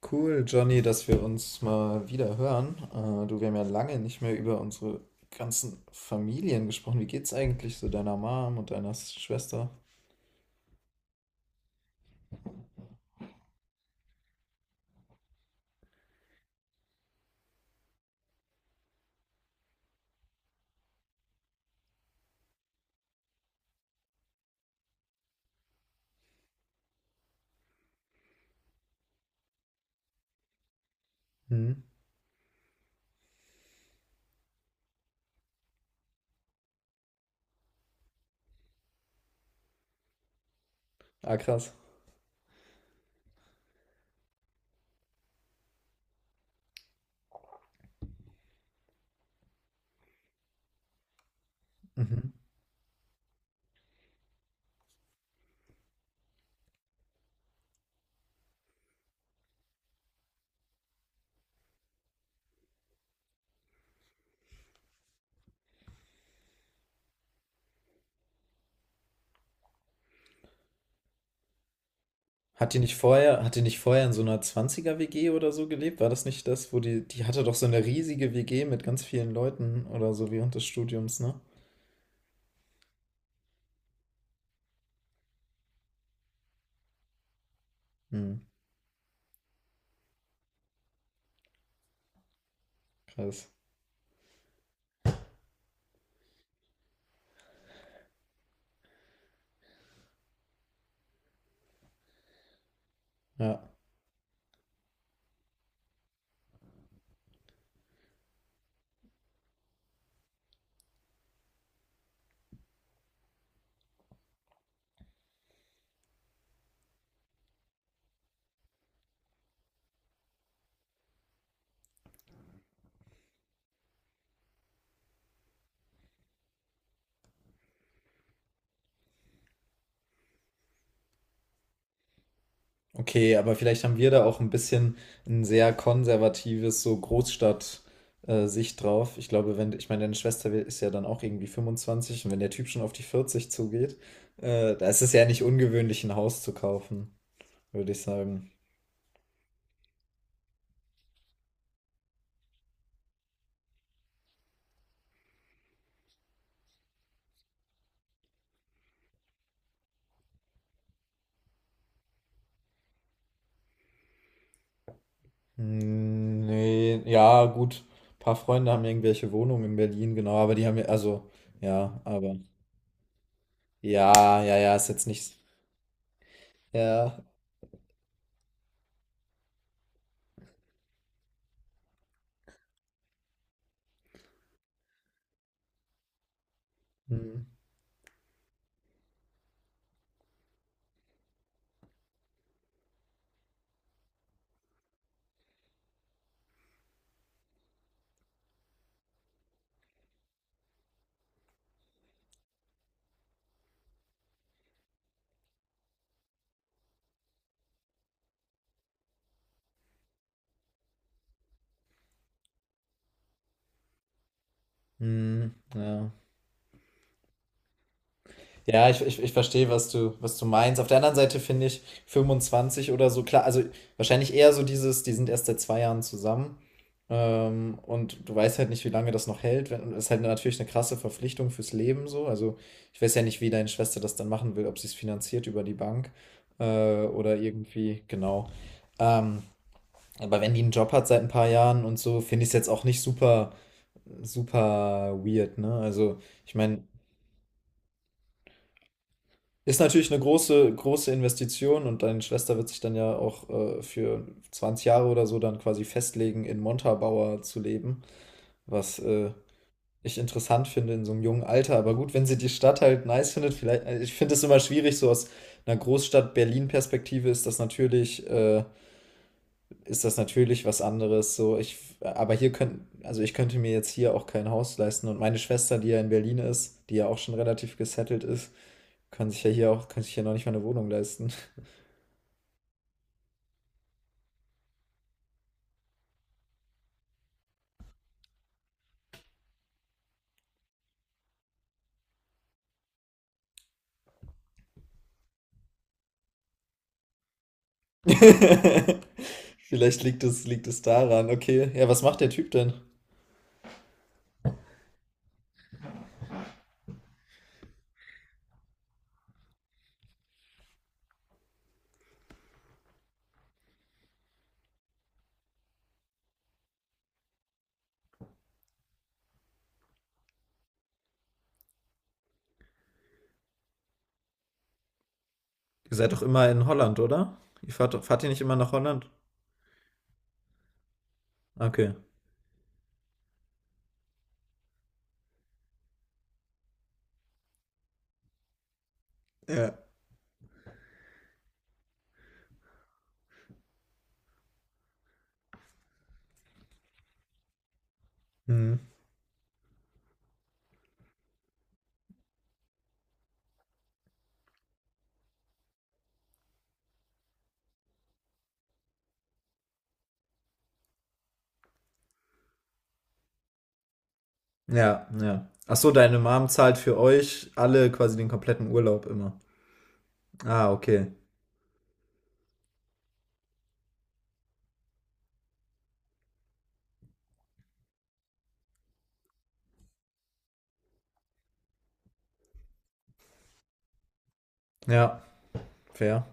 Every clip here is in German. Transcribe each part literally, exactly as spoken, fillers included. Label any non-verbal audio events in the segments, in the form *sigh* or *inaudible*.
Cool, Johnny, dass wir uns mal wieder hören. Äh, du, wir haben ja lange nicht mehr über unsere ganzen Familien gesprochen. Wie geht's eigentlich so deiner Mom und deiner Schwester? Hm? Ah, krass. Mhm. Hat die nicht vorher, hat die nicht vorher in so einer Zwanziger er WG oder so gelebt? War das nicht das, wo die, die hatte doch so eine riesige W G mit ganz vielen Leuten oder so während des Studiums, ne? Hm, krass. Ja. Okay, aber vielleicht haben wir da auch ein bisschen ein sehr konservatives, so Großstadt, äh, Sicht drauf. Ich glaube, wenn, ich meine, deine Schwester wi- ist ja dann auch irgendwie fünfundzwanzig und wenn der Typ schon auf die vierzig zugeht, äh, da ist es ja nicht ungewöhnlich, ein Haus zu kaufen, würde ich sagen. Hm, nee, ja, gut. Ein paar Freunde haben irgendwelche Wohnungen in Berlin, genau, aber die haben ja, also, ja, aber, ja, ja, ja, ist jetzt nicht, ja, hm, hm, ja. Ja, ich, ich, ich verstehe, was du, was du meinst. Auf der anderen Seite finde ich fünfundzwanzig oder so, klar, also wahrscheinlich eher so dieses, die sind erst seit zwei Jahren zusammen. Ähm, und du weißt halt nicht, wie lange das noch hält. Wenn- Das ist halt natürlich eine krasse Verpflichtung fürs Leben so. Also ich weiß ja nicht, wie deine Schwester das dann machen will, ob sie es finanziert über die Bank äh, oder irgendwie, genau. Ähm, aber wenn die einen Job hat seit ein paar Jahren und so, finde ich es jetzt auch nicht super, super weird, ne? Also ich meine, ist natürlich eine große, große Investition und deine Schwester wird sich dann ja auch äh, für zwanzig Jahre oder so dann quasi festlegen, in Montabaur zu leben, was äh, ich interessant finde in so einem jungen Alter. Aber gut, wenn sie die Stadt halt nice findet, vielleicht, äh, ich finde es immer schwierig, so aus einer Großstadt Berlin-Perspektive ist das natürlich, äh, ist das natürlich was anderes. So, ich, aber hier könnten, also ich könnte mir jetzt hier auch kein Haus leisten und meine Schwester, die ja in Berlin ist, die ja auch schon relativ gesettelt ist, kann sich ja hier auch, kann sich ja noch nicht mal eine Wohnung leisten. *laughs* Vielleicht liegt es, liegt es daran. Okay. Ja, was macht der Typ denn? Ihr seid doch immer in Holland, oder? Ihr fahrt, fahrt ihr nicht immer nach Holland? Okay. Ja. Mhm. Ja, ja. Ach so, deine Mom zahlt für euch alle quasi den kompletten Urlaub immer. Ah, okay. Ja, fair.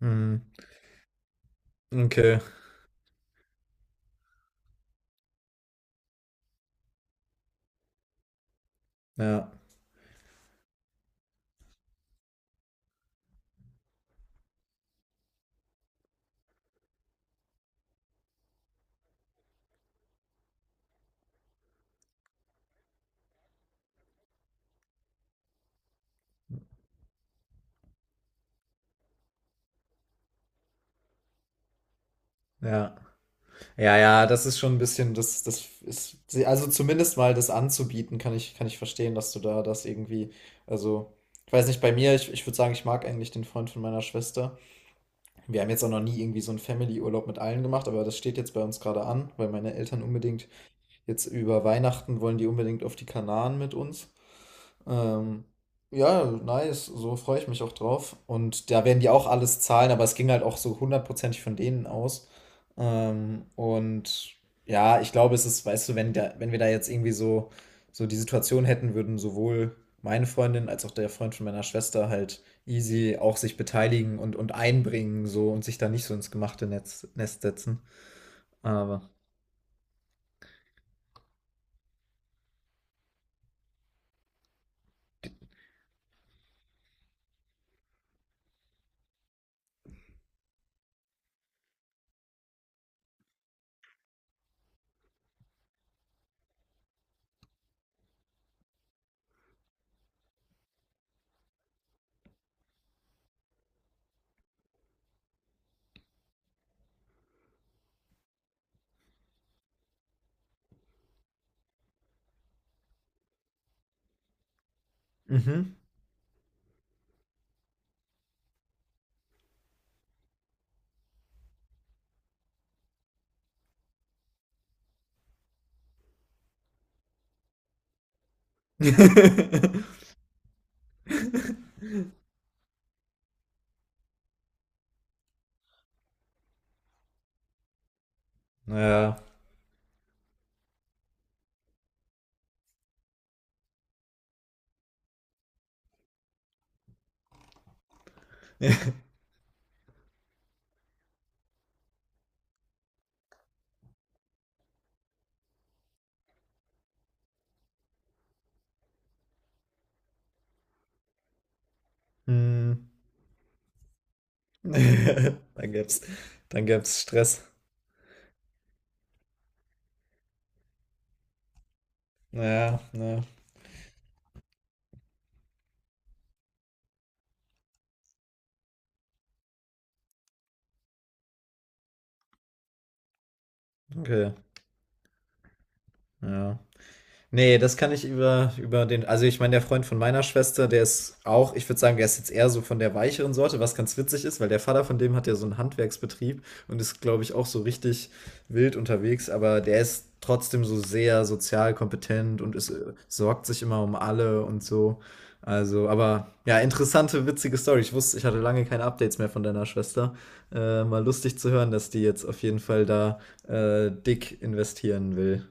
Mhm. Okay. Ja, ja. Ja, ja, das ist schon ein bisschen, das, das ist, also zumindest mal das anzubieten, kann ich, kann ich verstehen, dass du da das irgendwie, also, ich weiß nicht, bei mir, ich, ich würde sagen, ich mag eigentlich den Freund von meiner Schwester. Wir haben jetzt auch noch nie irgendwie so einen Family-Urlaub mit allen gemacht, aber das steht jetzt bei uns gerade an, weil meine Eltern unbedingt jetzt über Weihnachten wollen die unbedingt auf die Kanaren mit uns. Ähm, ja, nice, so freue ich mich auch drauf. Und da werden die auch alles zahlen, aber es ging halt auch so hundertprozentig von denen aus. Ähm, und ja, ich glaube, es ist, weißt du, wenn da, wenn wir da jetzt irgendwie so, so, die Situation hätten, würden sowohl meine Freundin als auch der Freund von meiner Schwester halt easy auch sich beteiligen und, und einbringen so und sich da nicht so ins gemachte Netz, Nest setzen. Aber. Mhm. *laughs* Naja. *laughs* Hm. *laughs* Dann gäb's, dann gäb's Stress. Ja, ja, okay. Ja. Nee, das kann ich über, über den, also ich meine, der Freund von meiner Schwester, der ist auch, ich würde sagen, der ist jetzt eher so von der weicheren Sorte, was ganz witzig ist, weil der Vater von dem hat ja so einen Handwerksbetrieb und ist, glaube ich, auch so richtig wild unterwegs, aber der ist trotzdem so sehr sozial kompetent und ist, äh, sorgt sich immer um alle und so. Also, aber ja, interessante, witzige Story. Ich wusste, ich hatte lange keine Updates mehr von deiner Schwester. Äh, mal lustig zu hören, dass die jetzt auf jeden Fall da äh, dick investieren will.